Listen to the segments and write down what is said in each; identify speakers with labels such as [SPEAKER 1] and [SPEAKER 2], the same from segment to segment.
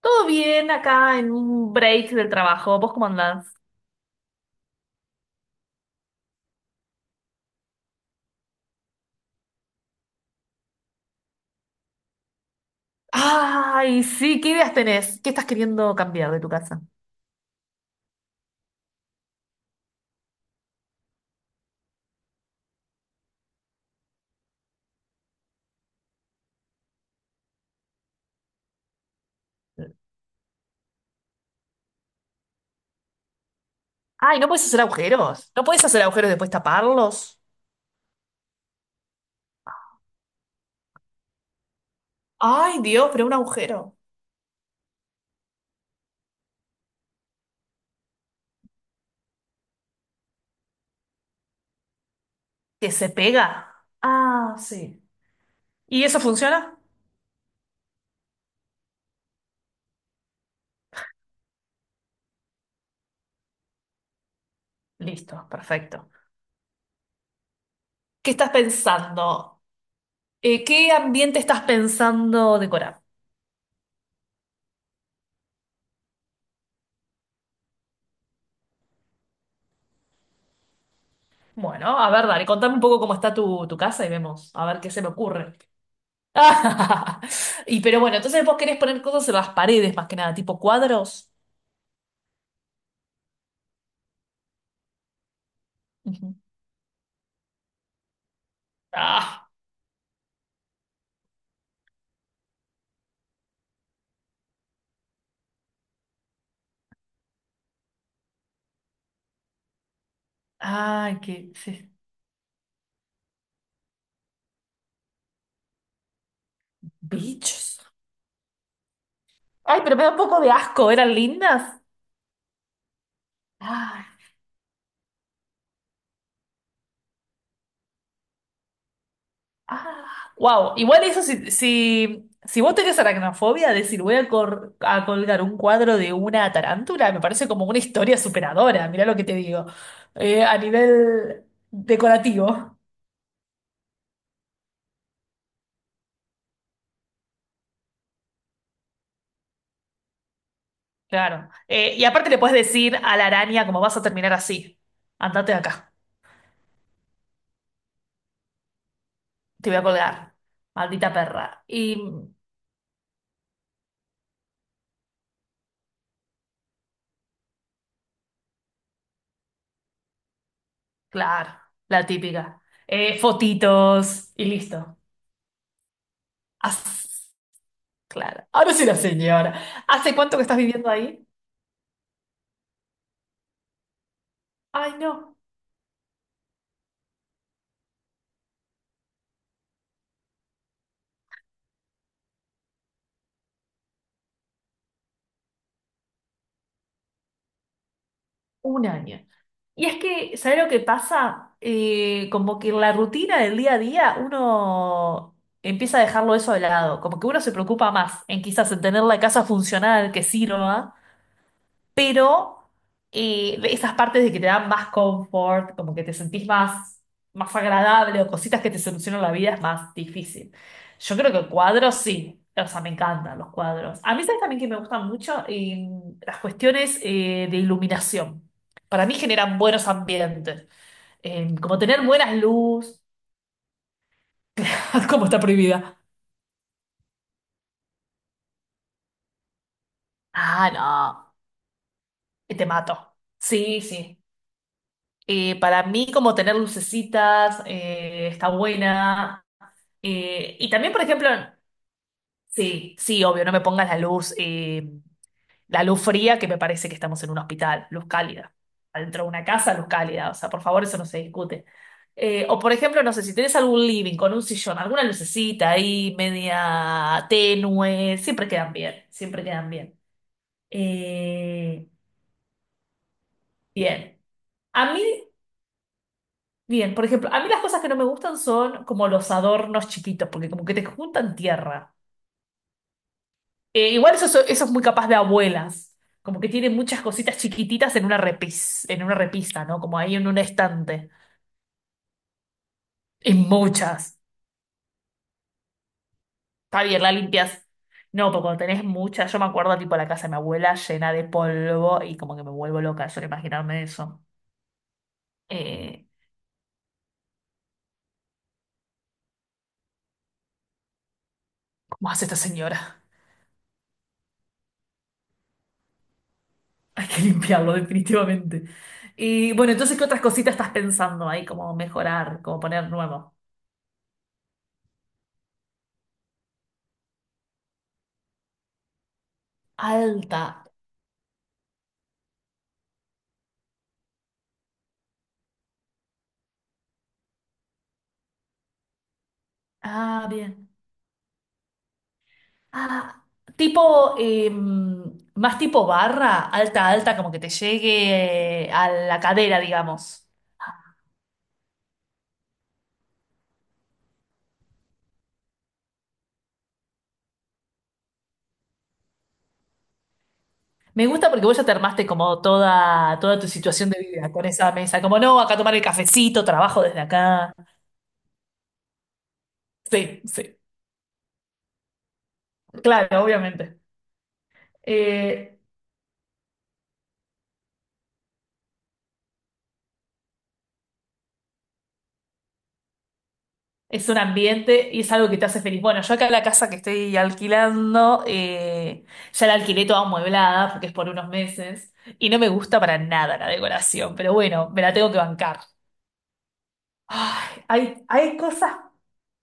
[SPEAKER 1] Todo bien acá en un break del trabajo. ¿Vos cómo andás? Ay, sí, ¿qué ideas tenés? ¿Qué estás queriendo cambiar de tu casa? Ay, ¿no puedes hacer agujeros? ¿No puedes hacer agujeros y después taparlos? Ay, Dios, pero un agujero. ¿Que se pega? Ah, sí. ¿Y eso funciona? Listo, perfecto. ¿Qué estás pensando? ¿Qué ambiente estás pensando decorar? Bueno, a ver, dale, contame un poco cómo está tu casa y vemos, a ver qué se me ocurre. Ah, Y pero bueno, entonces vos querés poner cosas en las paredes más que nada, tipo cuadros. Ujú. Ah, ay, qué sí. Bichos. Ay, pero me da un poco de asco, eran lindas. Ay, ah. Wow, igual eso si vos tenés aracnofobia, decir voy a, a colgar un cuadro de una tarántula, me parece como una historia superadora, mirá lo que te digo, a nivel decorativo. Claro. Y aparte le puedes decir a la araña como vas a terminar así. Andate de acá, te voy a colgar. Maldita perra. Y claro, la típica. Fotitos y listo. As- claro. Ahora sí la señora. ¿Hace cuánto que estás viviendo ahí? Ay, no, un año. Y es que, ¿sabes lo que pasa? Como que en la rutina del día a día uno empieza a dejarlo eso de lado. Como que uno se preocupa más en quizás en tener la casa funcional que sirva, pero esas partes de que te dan más confort, como que te sentís más, más agradable o cositas que te solucionan la vida es más difícil. Yo creo que cuadros sí, o sea, me encantan los cuadros. A mí sabes también que me gustan mucho las cuestiones de iluminación. Para mí generan buenos ambientes. Como tener buenas luz, como está prohibida. Ah, no, te mato. Sí, sí. Para mí como tener lucecitas está buena. Y también, por ejemplo, sí, sí, obvio, no me pongas la luz fría, que me parece que estamos en un hospital, luz cálida. Adentro de una casa, luz cálida. O sea, por favor, eso no se discute. O, por ejemplo, no sé, si tenés algún living con un sillón, alguna lucecita ahí, media tenue, siempre quedan bien, siempre quedan bien. Eh, bien. A mí, bien, por ejemplo, a mí las cosas que no me gustan son como los adornos chiquitos, porque como que te juntan tierra. Igual eso, eso es muy capaz de abuelas, como que tiene muchas cositas chiquititas en una en una repisa, ¿no? Como ahí en un estante. En muchas. Está bien, la limpias. No, pero cuando tenés muchas, yo me acuerdo tipo la casa de mi abuela llena de polvo y como que me vuelvo loca de solo imaginarme eso. Eh, ¿Cómo hace esta señora? Hay que limpiarlo definitivamente. Y bueno, entonces, ¿qué otras cositas estás pensando ahí? Como mejorar, como poner nuevo. Alta. Ah, bien. Ah, tipo, más tipo barra, alta, alta, como que te llegue a la cadera, digamos. Me gusta porque vos ya te armaste como toda, toda tu situación de vida con esa mesa. Como no, acá tomar el cafecito, trabajo desde acá. Sí, sí, claro, obviamente. Eh, Es un ambiente y es algo que te hace feliz. Bueno, yo acá la casa que estoy alquilando, ya la alquilé toda amueblada porque es por unos meses y no me gusta para nada la decoración, pero bueno, me la tengo que bancar. Ay,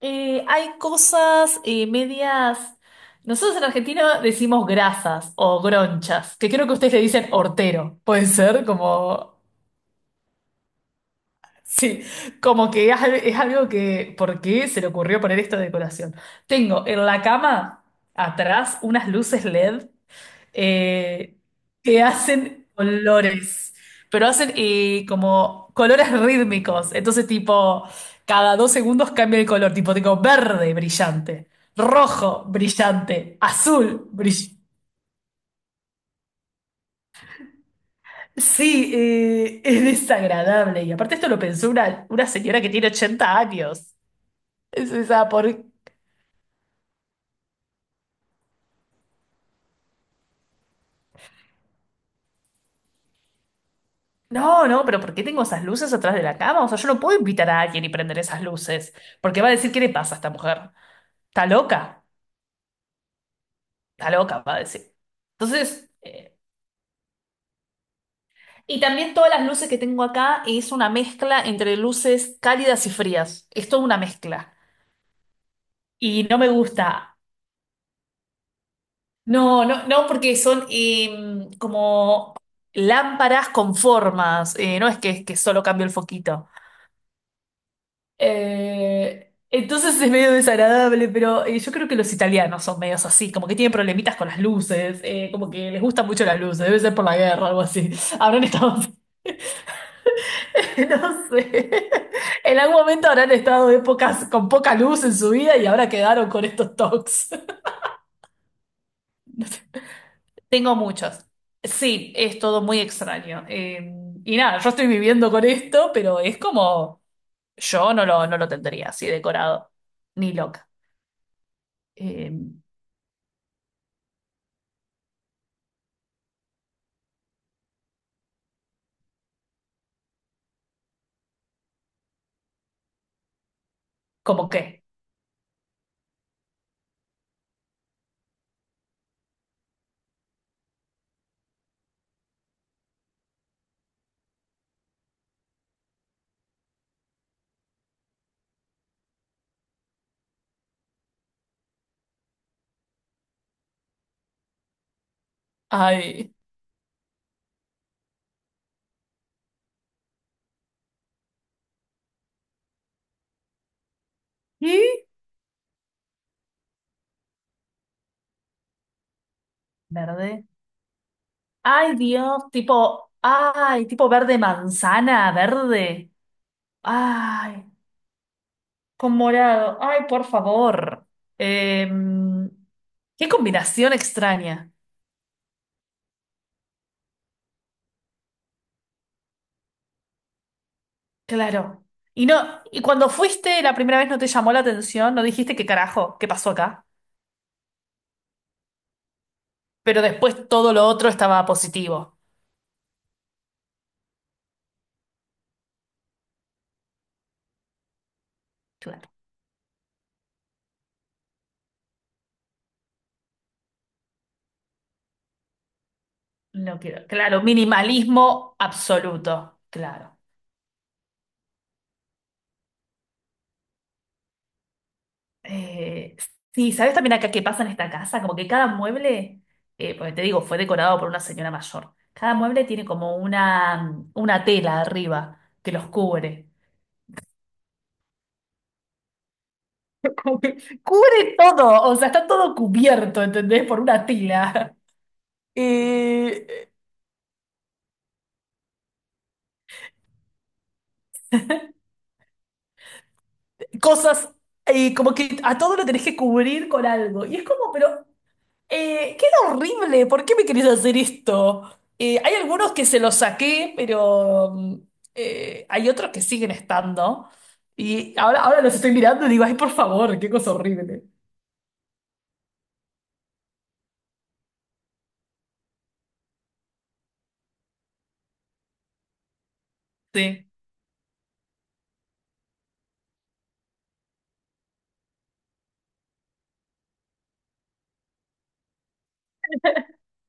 [SPEAKER 1] hay cosas medias. Nosotros en Argentina decimos grasas o gronchas, que creo que ustedes le dicen hortero. Puede ser como sí, como que es, es algo que, ¿por qué se le ocurrió poner esta decoración? Tengo en la cama atrás unas luces LED eh, que hacen colores, pero hacen como colores rítmicos. Entonces, tipo, cada dos segundos cambia el color. Tipo, tengo verde brillante, rojo brillante, azul brillante. Sí, es desagradable. Y aparte esto lo pensó una señora que tiene 80 años. Es esa, no, no, pero ¿por qué tengo esas luces atrás de la cama? O sea, yo no puedo invitar a alguien y prender esas luces, porque va a decir, ¿qué le pasa a esta mujer? Está loca, está loca, va a decir. Entonces, y también todas las luces que tengo acá es una mezcla entre luces cálidas y frías. Es toda una mezcla. Y no me gusta. No, no, no, porque son como lámparas con formas. No es que, es que solo cambio el foquito. Entonces es medio desagradable, pero yo creo que los italianos son medios así, como que tienen problemitas con las luces, como que les gustan mucho las luces, debe ser por la guerra o algo así. Habrán estado, no sé, en algún momento habrán estado épocas con poca luz en su vida y ahora quedaron con estos toques. Tengo muchos. Sí, es todo muy extraño. Y nada, yo estoy viviendo con esto, pero es como, yo no lo, no lo tendría así decorado, ni loca. Eh, ¿Cómo qué? Ay, ¿y? Verde. Ay, Dios, tipo, ay, tipo verde manzana, verde. Ay, con morado. Ay, por favor. Em, qué combinación extraña. Claro. Y no, y cuando fuiste la primera vez no te llamó la atención, no dijiste qué carajo, qué pasó acá. Pero después todo lo otro estaba positivo. Claro. No quiero. Claro, minimalismo absoluto. Claro. Eh, sí, ¿sabes también acá qué pasa en esta casa? Como que cada mueble, porque te digo, fue decorado por una señora mayor. Cada mueble tiene como una tela arriba que los cubre. Como que cubre todo, o sea, está todo cubierto, ¿entendés? Por una tela. Eh, Cosas, como que a todo lo tenés que cubrir con algo. Y es como, pero eh, queda horrible, ¿por qué me querés hacer esto? Hay algunos que se los saqué, pero hay otros que siguen estando. Y ahora, ahora los estoy mirando y digo, ay, por favor, qué cosa horrible. Sí.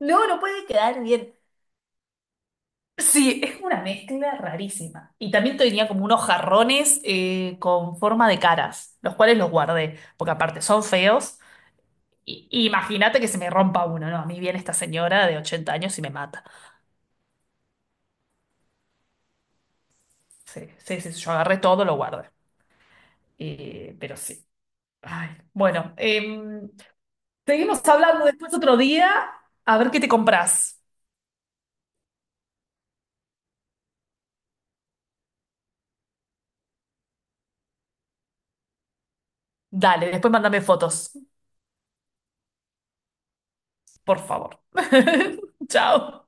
[SPEAKER 1] No, no puede quedar bien. Sí, es una mezcla rarísima. Y también tenía como unos jarrones con forma de caras, los cuales los guardé, porque aparte son feos. Y imagínate que se me rompa uno, ¿no? A mí viene esta señora de 80 años y me mata. Sí, sí, sí, yo agarré todo, lo guardé. Pero sí. Ay, bueno, em, seguimos hablando después otro día. A ver qué te compras. Dale, después mándame fotos, por favor. Chao.